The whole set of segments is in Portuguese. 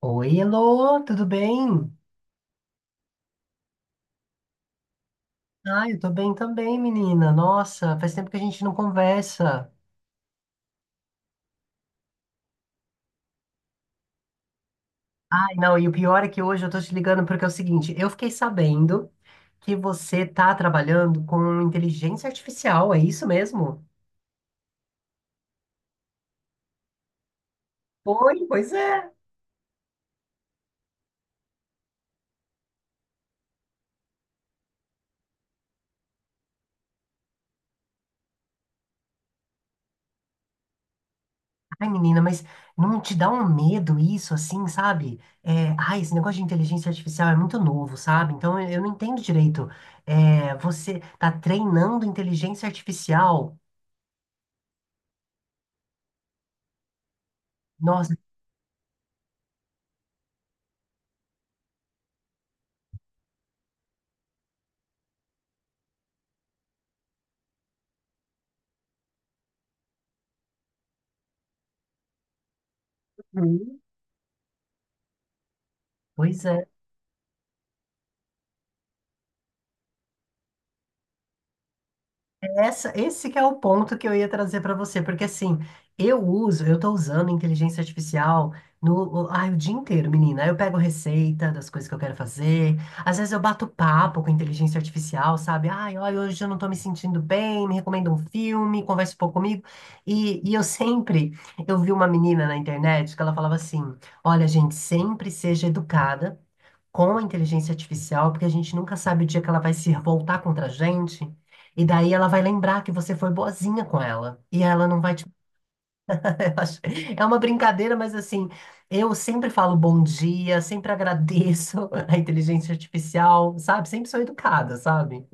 Oi, Elô, tudo bem? Ah, eu tô bem também, menina. Nossa, faz tempo que a gente não conversa. Ai, não, e o pior é que hoje eu tô te ligando porque é o seguinte, eu fiquei sabendo que você tá trabalhando com inteligência artificial, é isso mesmo? Oi, pois é. Ai, menina, mas não te dá um medo isso, assim, sabe? É, ai, esse negócio de inteligência artificial é muito novo, sabe? Então eu não entendo direito. É, você tá treinando inteligência artificial? Nossa. Pois é, esse que é o ponto que eu ia trazer para você, porque assim, eu tô usando inteligência artificial no, o- ai, o dia inteiro, menina. Aí eu pego receita das coisas que eu quero fazer, às vezes eu bato papo com inteligência artificial, sabe? Ai, olha, hoje eu não tô me sentindo bem, me recomenda um filme, conversa um pouco comigo. E eu vi uma menina na internet que ela falava assim, olha, gente, sempre seja educada, com a inteligência artificial, porque a gente nunca sabe o dia que ela vai se revoltar contra a gente, e daí ela vai lembrar que você foi boazinha com ela, e ela não vai te. Eu acho- É uma brincadeira, mas assim, eu sempre falo bom dia, sempre agradeço a inteligência artificial, sabe? Sempre sou educada, sabe?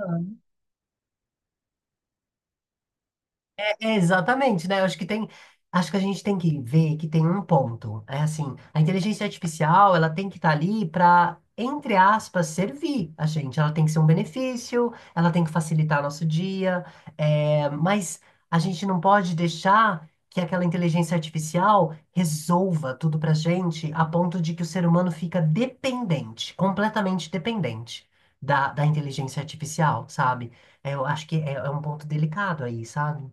Aham. É, exatamente, né? Eu acho que tem, acho que a gente tem que ver que tem um ponto. É assim, a inteligência artificial, ela tem que estar ali para, entre aspas, servir a gente. Ela tem que ser um benefício, ela tem que facilitar nosso dia, é, mas a gente não pode deixar que aquela inteligência artificial resolva tudo pra gente a ponto de que o ser humano fica dependente, completamente dependente da inteligência artificial, sabe? É, eu acho que é um ponto delicado aí, sabe?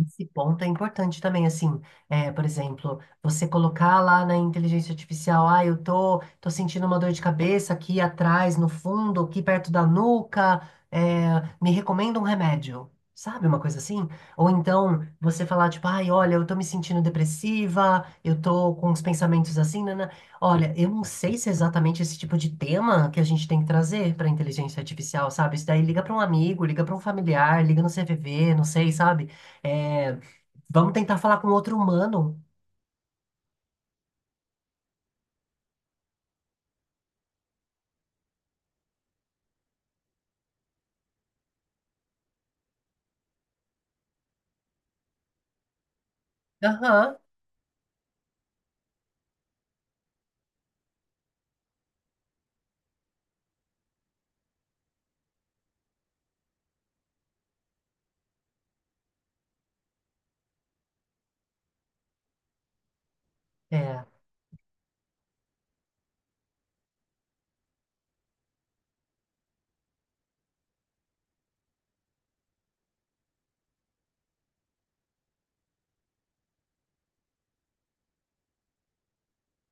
Esse ponto é importante também, assim, é, por exemplo, você colocar lá na inteligência artificial, ah, eu tô sentindo uma dor de cabeça aqui atrás, no fundo, aqui perto da nuca, é, me recomenda um remédio, sabe, uma coisa assim? Ou então, você falar, tipo, ai, olha, eu tô me sentindo depressiva, eu tô com os pensamentos assim, né? Olha, eu não sei se é exatamente esse tipo de tema que a gente tem que trazer para inteligência artificial, sabe? Isso daí liga para um amigo, liga para um familiar, liga no CVV, não sei, sabe? É, vamos tentar falar com outro humano. Aham. É,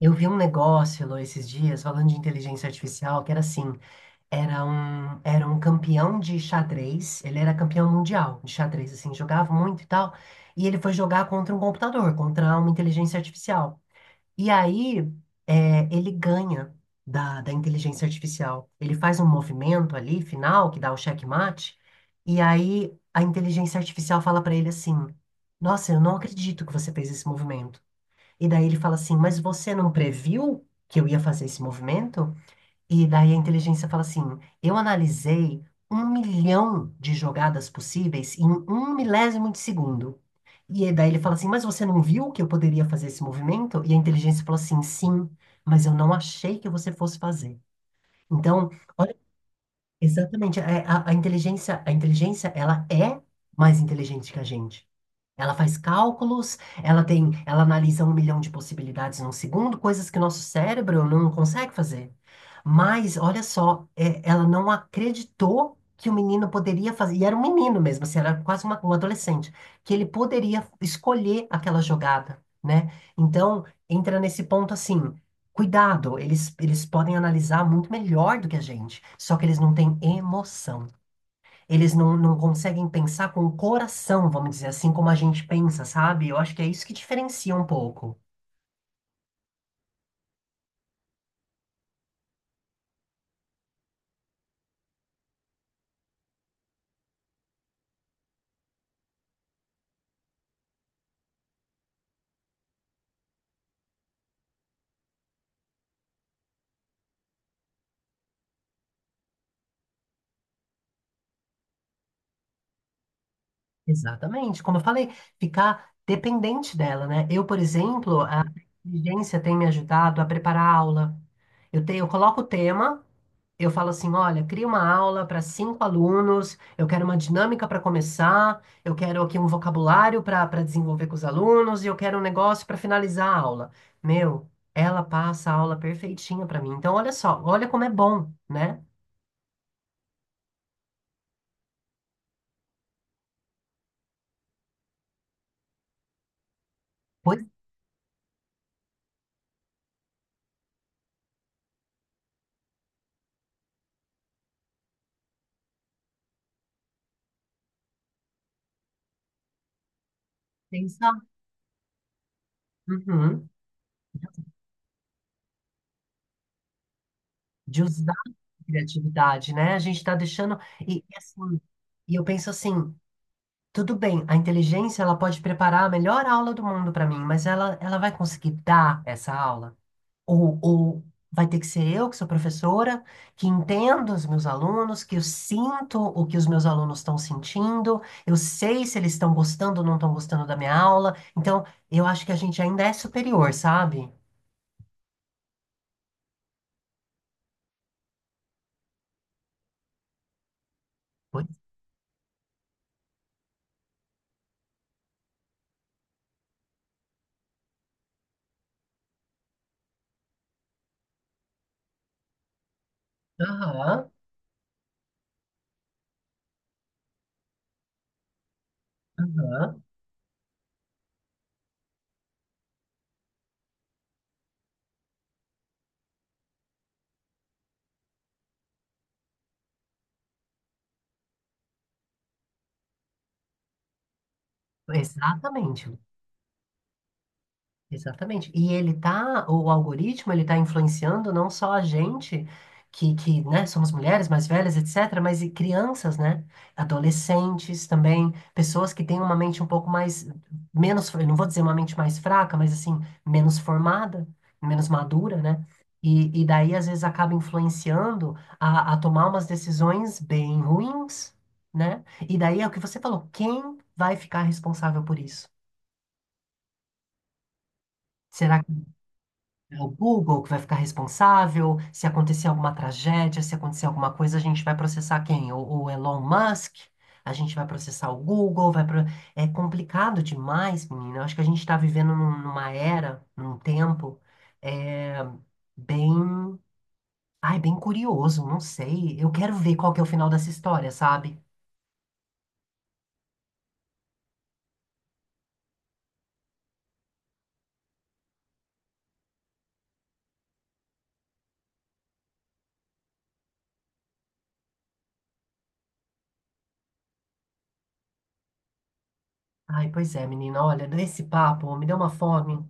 eu vi um negócio, Lô, esses dias, falando de inteligência artificial, que era assim, era um campeão de xadrez, ele era campeão mundial de xadrez, assim, jogava muito e tal, e ele foi jogar contra um computador, contra uma inteligência artificial. E aí, é, ele ganha da inteligência artificial. Ele faz um movimento ali, final, que dá o checkmate, e aí a inteligência artificial fala para ele assim: Nossa, eu não acredito que você fez esse movimento. E daí ele fala assim: mas você não previu que eu ia fazer esse movimento? E daí a inteligência fala assim: eu analisei 1 milhão de jogadas possíveis em um milésimo de segundo. E aí daí ele fala assim: mas você não viu que eu poderia fazer esse movimento? E a inteligência falou assim: sim, mas eu não achei que você fosse fazer. Então, olha, exatamente, é, a inteligência, ela é mais inteligente que a gente. Ela faz cálculos, ela tem, ela analisa 1 milhão de possibilidades num segundo, coisas que nosso cérebro não consegue fazer. Mas, olha só, é, ela não acreditou que o menino poderia fazer, e era um menino mesmo, assim, era quase uma, um adolescente, que ele poderia escolher aquela jogada, né? Então, entra nesse ponto assim, cuidado, eles podem analisar muito melhor do que a gente, só que eles não têm emoção. Eles não conseguem pensar com o coração, vamos dizer assim, como a gente pensa, sabe? Eu acho que é isso que diferencia um pouco. Exatamente. Como eu falei, ficar dependente dela, né? Eu, por exemplo, a inteligência tem me ajudado a preparar a aula. Eu coloco o tema. Eu falo assim, olha, cria uma aula para cinco alunos, eu quero uma dinâmica para começar, eu quero aqui um vocabulário para desenvolver com os alunos e eu quero um negócio para finalizar a aula. Meu, ela passa a aula perfeitinha para mim. Então, olha só, olha como é bom, né? Pois pensa, uhum, de usar a criatividade, né? A gente está deixando e assim, e eu penso assim, tudo bem, a inteligência ela pode preparar a melhor aula do mundo para mim, mas ela vai conseguir dar essa aula? Ou vai ter que ser eu, que sou professora, que entendo os meus alunos, que eu sinto o que os meus alunos estão sentindo, eu sei se eles estão gostando ou não estão gostando da minha aula. Então, eu acho que a gente ainda é superior, sabe? Pois, aham, aham, exatamente. Exatamente. E ele tá, o algoritmo, ele tá influenciando não só a gente, que, né, somos mulheres mais velhas, etc., mas e crianças, né? Adolescentes também, pessoas que têm uma mente um pouco mais, menos, eu não vou dizer uma mente mais fraca, mas assim, menos formada, menos madura, né? E daí, às vezes, acaba influenciando a tomar umas decisões bem ruins, né? E daí é o que você falou, quem vai ficar responsável por isso? Será É o Google que vai ficar responsável. Se acontecer alguma tragédia, se acontecer alguma coisa, a gente vai processar quem? O Elon Musk? A gente vai processar o Google? Vai pro... É complicado demais, menina. Eu acho que a gente está vivendo numa era, num tempo, é, bem. Ai, bem curioso, não sei. Eu quero ver qual que é o final dessa história, sabe? Ai, pois é, menina. Olha, esse papo me deu uma fome.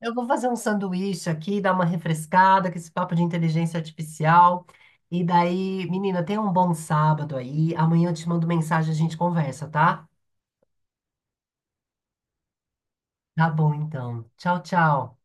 Eu vou fazer um sanduíche aqui, dar uma refrescada com esse papo de inteligência artificial. E daí, menina, tenha um bom sábado aí. Amanhã eu te mando mensagem, a gente conversa, tá? Tá bom, então. Tchau, tchau.